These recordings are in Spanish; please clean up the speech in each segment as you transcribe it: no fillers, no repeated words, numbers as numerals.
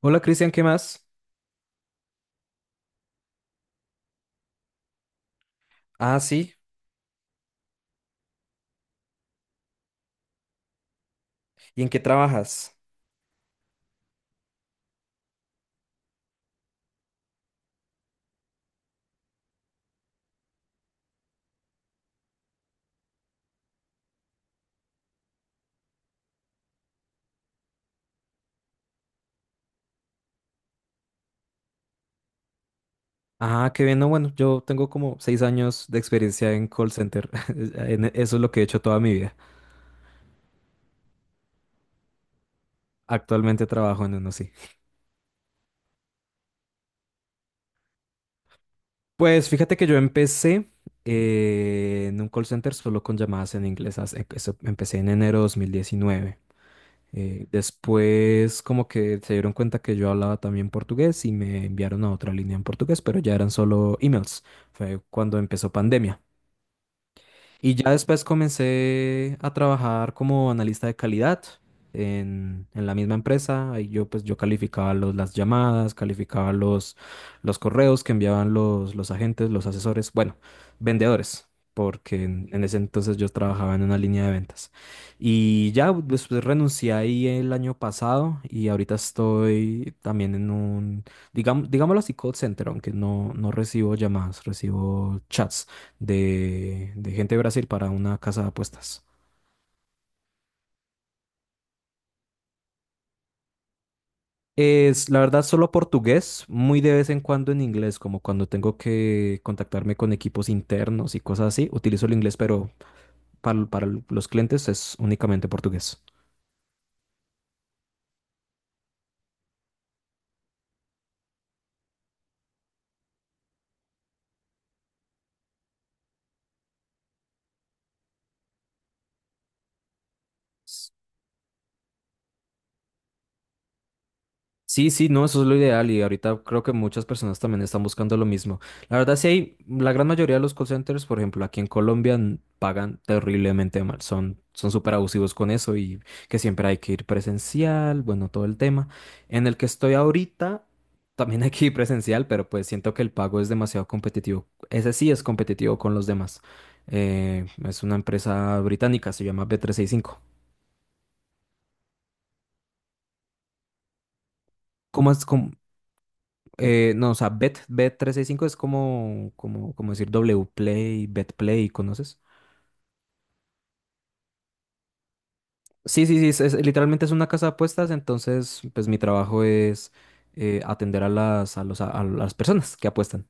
Hola Cristian, ¿qué más? Ah, sí. ¿Y en qué trabajas? Ah, qué bien. No, bueno, yo tengo como seis años de experiencia en call center. Eso es lo que he hecho toda mi vida. Actualmente trabajo en uno, sí. Pues fíjate que yo empecé en un call center solo con llamadas en inglés. Empecé en enero de 2019. Después como que se dieron cuenta que yo hablaba también portugués y me enviaron a otra línea en portugués, pero ya eran solo emails. Fue cuando empezó pandemia. Y ya después comencé a trabajar como analista de calidad en la misma empresa. Ahí yo calificaba las llamadas, calificaba los correos que enviaban los agentes, los asesores, bueno, vendedores, porque en ese entonces yo trabajaba en una línea de ventas. Y ya después renuncié ahí el año pasado y ahorita estoy también en un, digamos, digámoslo así, call center, aunque no, no recibo llamadas, recibo chats de gente de Brasil para una casa de apuestas. Es, la verdad, solo portugués, muy de vez en cuando en inglés, como cuando tengo que contactarme con equipos internos y cosas así, utilizo el inglés, pero para los clientes es únicamente portugués. Sí, sí, no, eso es lo ideal y ahorita creo que muchas personas también están buscando lo mismo. La verdad, sí hay, la gran mayoría de los call centers, por ejemplo, aquí en Colombia n- pagan terriblemente mal, son súper abusivos con eso y que siempre hay que ir presencial, bueno, todo el tema. En el que estoy ahorita, también hay que ir presencial, pero pues siento que el pago es demasiado competitivo. Ese sí es competitivo con los demás. Es una empresa británica, se llama B365. ¿Cómo es? No, o sea, Bet, bet 365 es como, como, como decir Wplay, Betplay, ¿conoces? Sí, sí, sí, es- literalmente es una casa de apuestas, entonces pues mi trabajo es atender a a las personas que apuestan.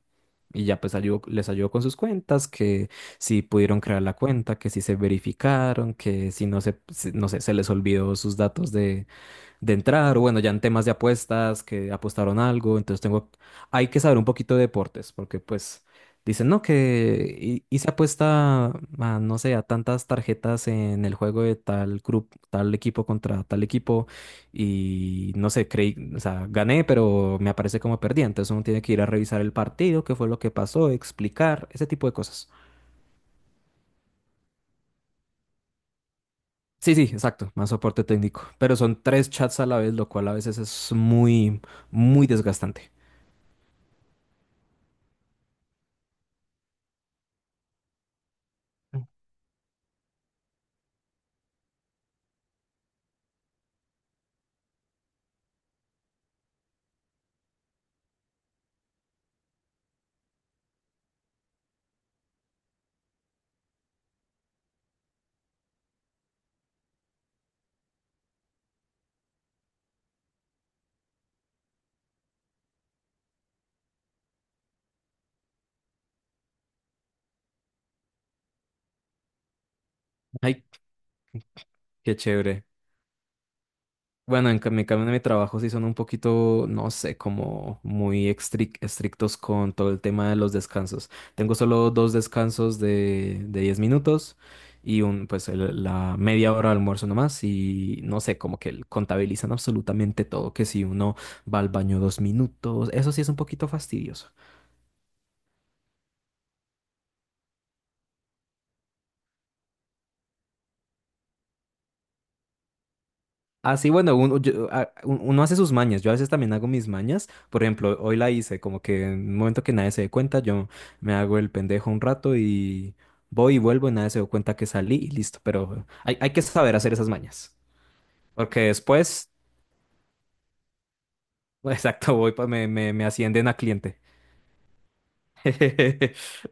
Y ya pues les ayudo con sus cuentas, que si pudieron crear la cuenta, que si se verificaron, que si no se, si- no sé, se les olvidó sus datos de entrar, o bueno, ya en temas de apuestas, que apostaron algo, entonces tengo, hay que saber un poquito de deportes, porque pues dicen, no, que hice apuesta a, no sé, a tantas tarjetas en el juego de tal grupo, tal equipo contra tal equipo, y no sé, creí, o sea, gané, pero me aparece como perdí, entonces uno tiene que ir a revisar el partido, qué fue lo que pasó, explicar, ese tipo de cosas. Sí, sí, exacto, más soporte técnico, pero son tres chats a la vez, lo cual a veces es muy, muy desgastante. Hay Qué chévere. Bueno, en ca- mi cambio de mi trabajo sí son un poquito, no sé, como muy estric- estrictos con todo el tema de los descansos. Tengo solo dos descansos de 10 minutos y un, pues el- la media hora de almuerzo nomás y no sé, como que contabilizan absolutamente todo, que si uno va al baño 2 minutos, eso sí es un poquito fastidioso. Así bueno, uno hace sus mañas. Yo a veces también hago mis mañas. Por ejemplo, hoy la hice, como que en un momento que nadie se dé cuenta, yo me hago el pendejo un rato y voy y vuelvo y nadie se dio cuenta que salí y listo. Pero hay que saber hacer esas mañas. Porque después, exacto, voy, me ascienden a cliente.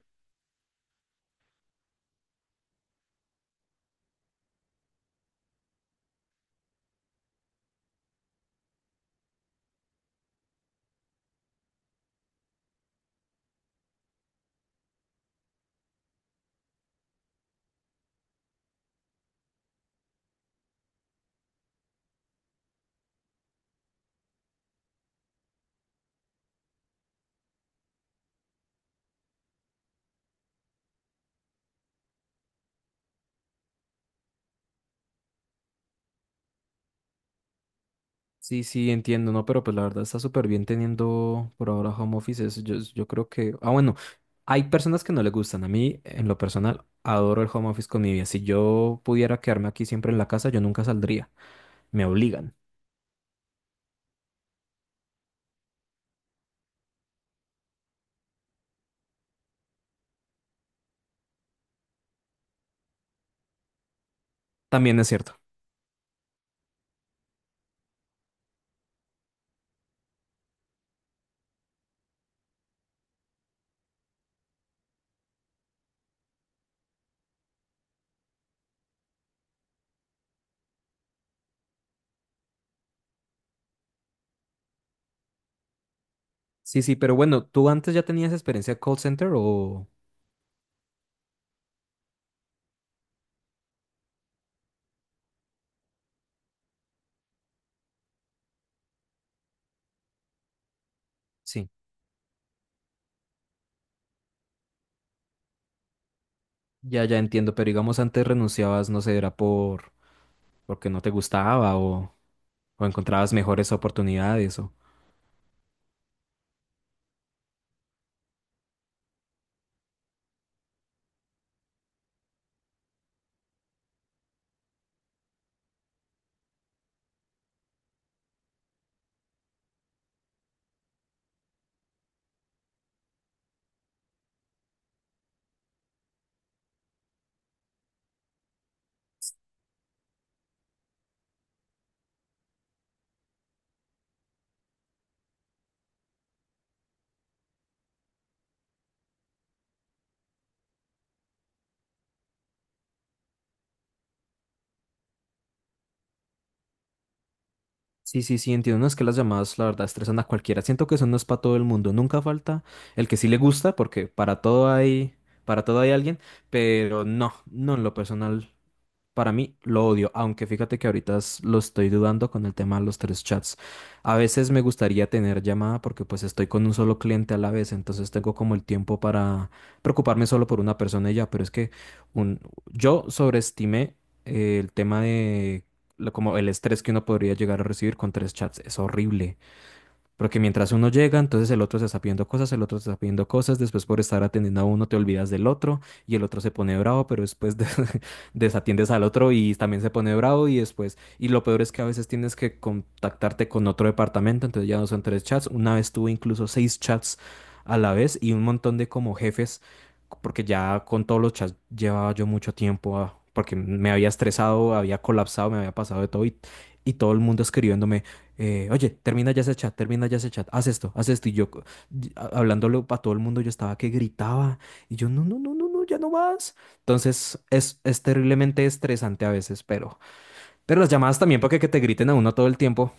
Sí, sí, entiendo, no, pero pues la verdad está súper bien teniendo por ahora home office. Yo creo que. Ah, bueno. Hay personas que no le gustan. A mí, en lo personal, adoro el home office con mi vida. Si yo pudiera quedarme aquí siempre en la casa, yo nunca saldría. Me obligan. También es cierto. Sí, sí, pero bueno, ¿tú antes ya tenías experiencia de call center o...? Sí, ya entiendo, pero digamos antes renunciabas, no sé, era por... porque no te gustaba o encontrabas mejores oportunidades o... Sí, sí, sí, entiendo. No es que las llamadas, la verdad, estresan a cualquiera. Siento que eso no es para todo el mundo. Nunca falta el que sí le gusta, porque para todo hay alguien, pero no, no en lo personal. Para mí lo odio, aunque fíjate que ahorita lo estoy dudando con el tema de los tres chats. A veces me gustaría tener llamada porque pues estoy con un solo cliente a la vez, entonces tengo como el tiempo para preocuparme solo por una persona y ya, pero es que un, yo sobreestimé el tema de como el estrés que uno podría llegar a recibir con tres chats. Es horrible. Porque mientras uno llega, entonces el otro se está pidiendo cosas, el otro se está pidiendo cosas, después por estar atendiendo a uno te olvidas del otro y el otro se pone bravo, pero desatiendes al otro y también se pone bravo y después, y lo peor es que a veces tienes que contactarte con otro departamento, entonces ya no son tres chats, una vez tuve incluso 6 chats a la vez y un montón de como jefes, porque ya con todos los chats llevaba yo mucho tiempo, ah, porque me había estresado, había colapsado, me había pasado de todo y todo el mundo escribiéndome oye, termina ya ese chat, termina ya ese chat, haz esto, haz esto. Y yo, hablándolo para todo el mundo, yo estaba que gritaba y yo, no, no, no, no, no, ya no más. Entonces, es terriblemente estresante a veces, pero las llamadas también para que te griten a uno todo el tiempo.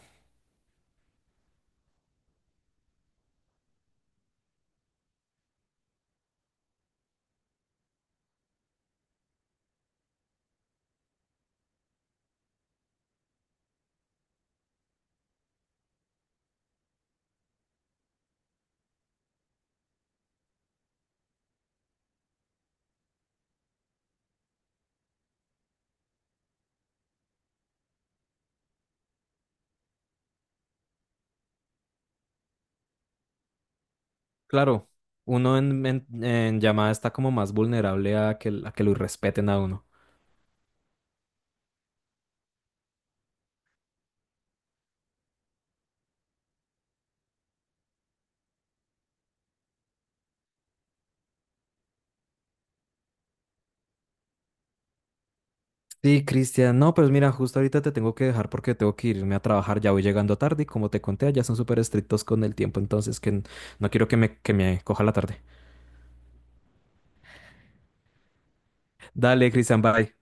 Claro, uno en llamada está como más vulnerable a que lo respeten a uno. Sí, Cristian, no, pues mira, justo ahorita te tengo que dejar porque tengo que irme a trabajar, ya voy llegando tarde y como te conté, ya son súper estrictos con el tiempo, entonces que n- no quiero que me coja la tarde. Dale, Cristian, bye.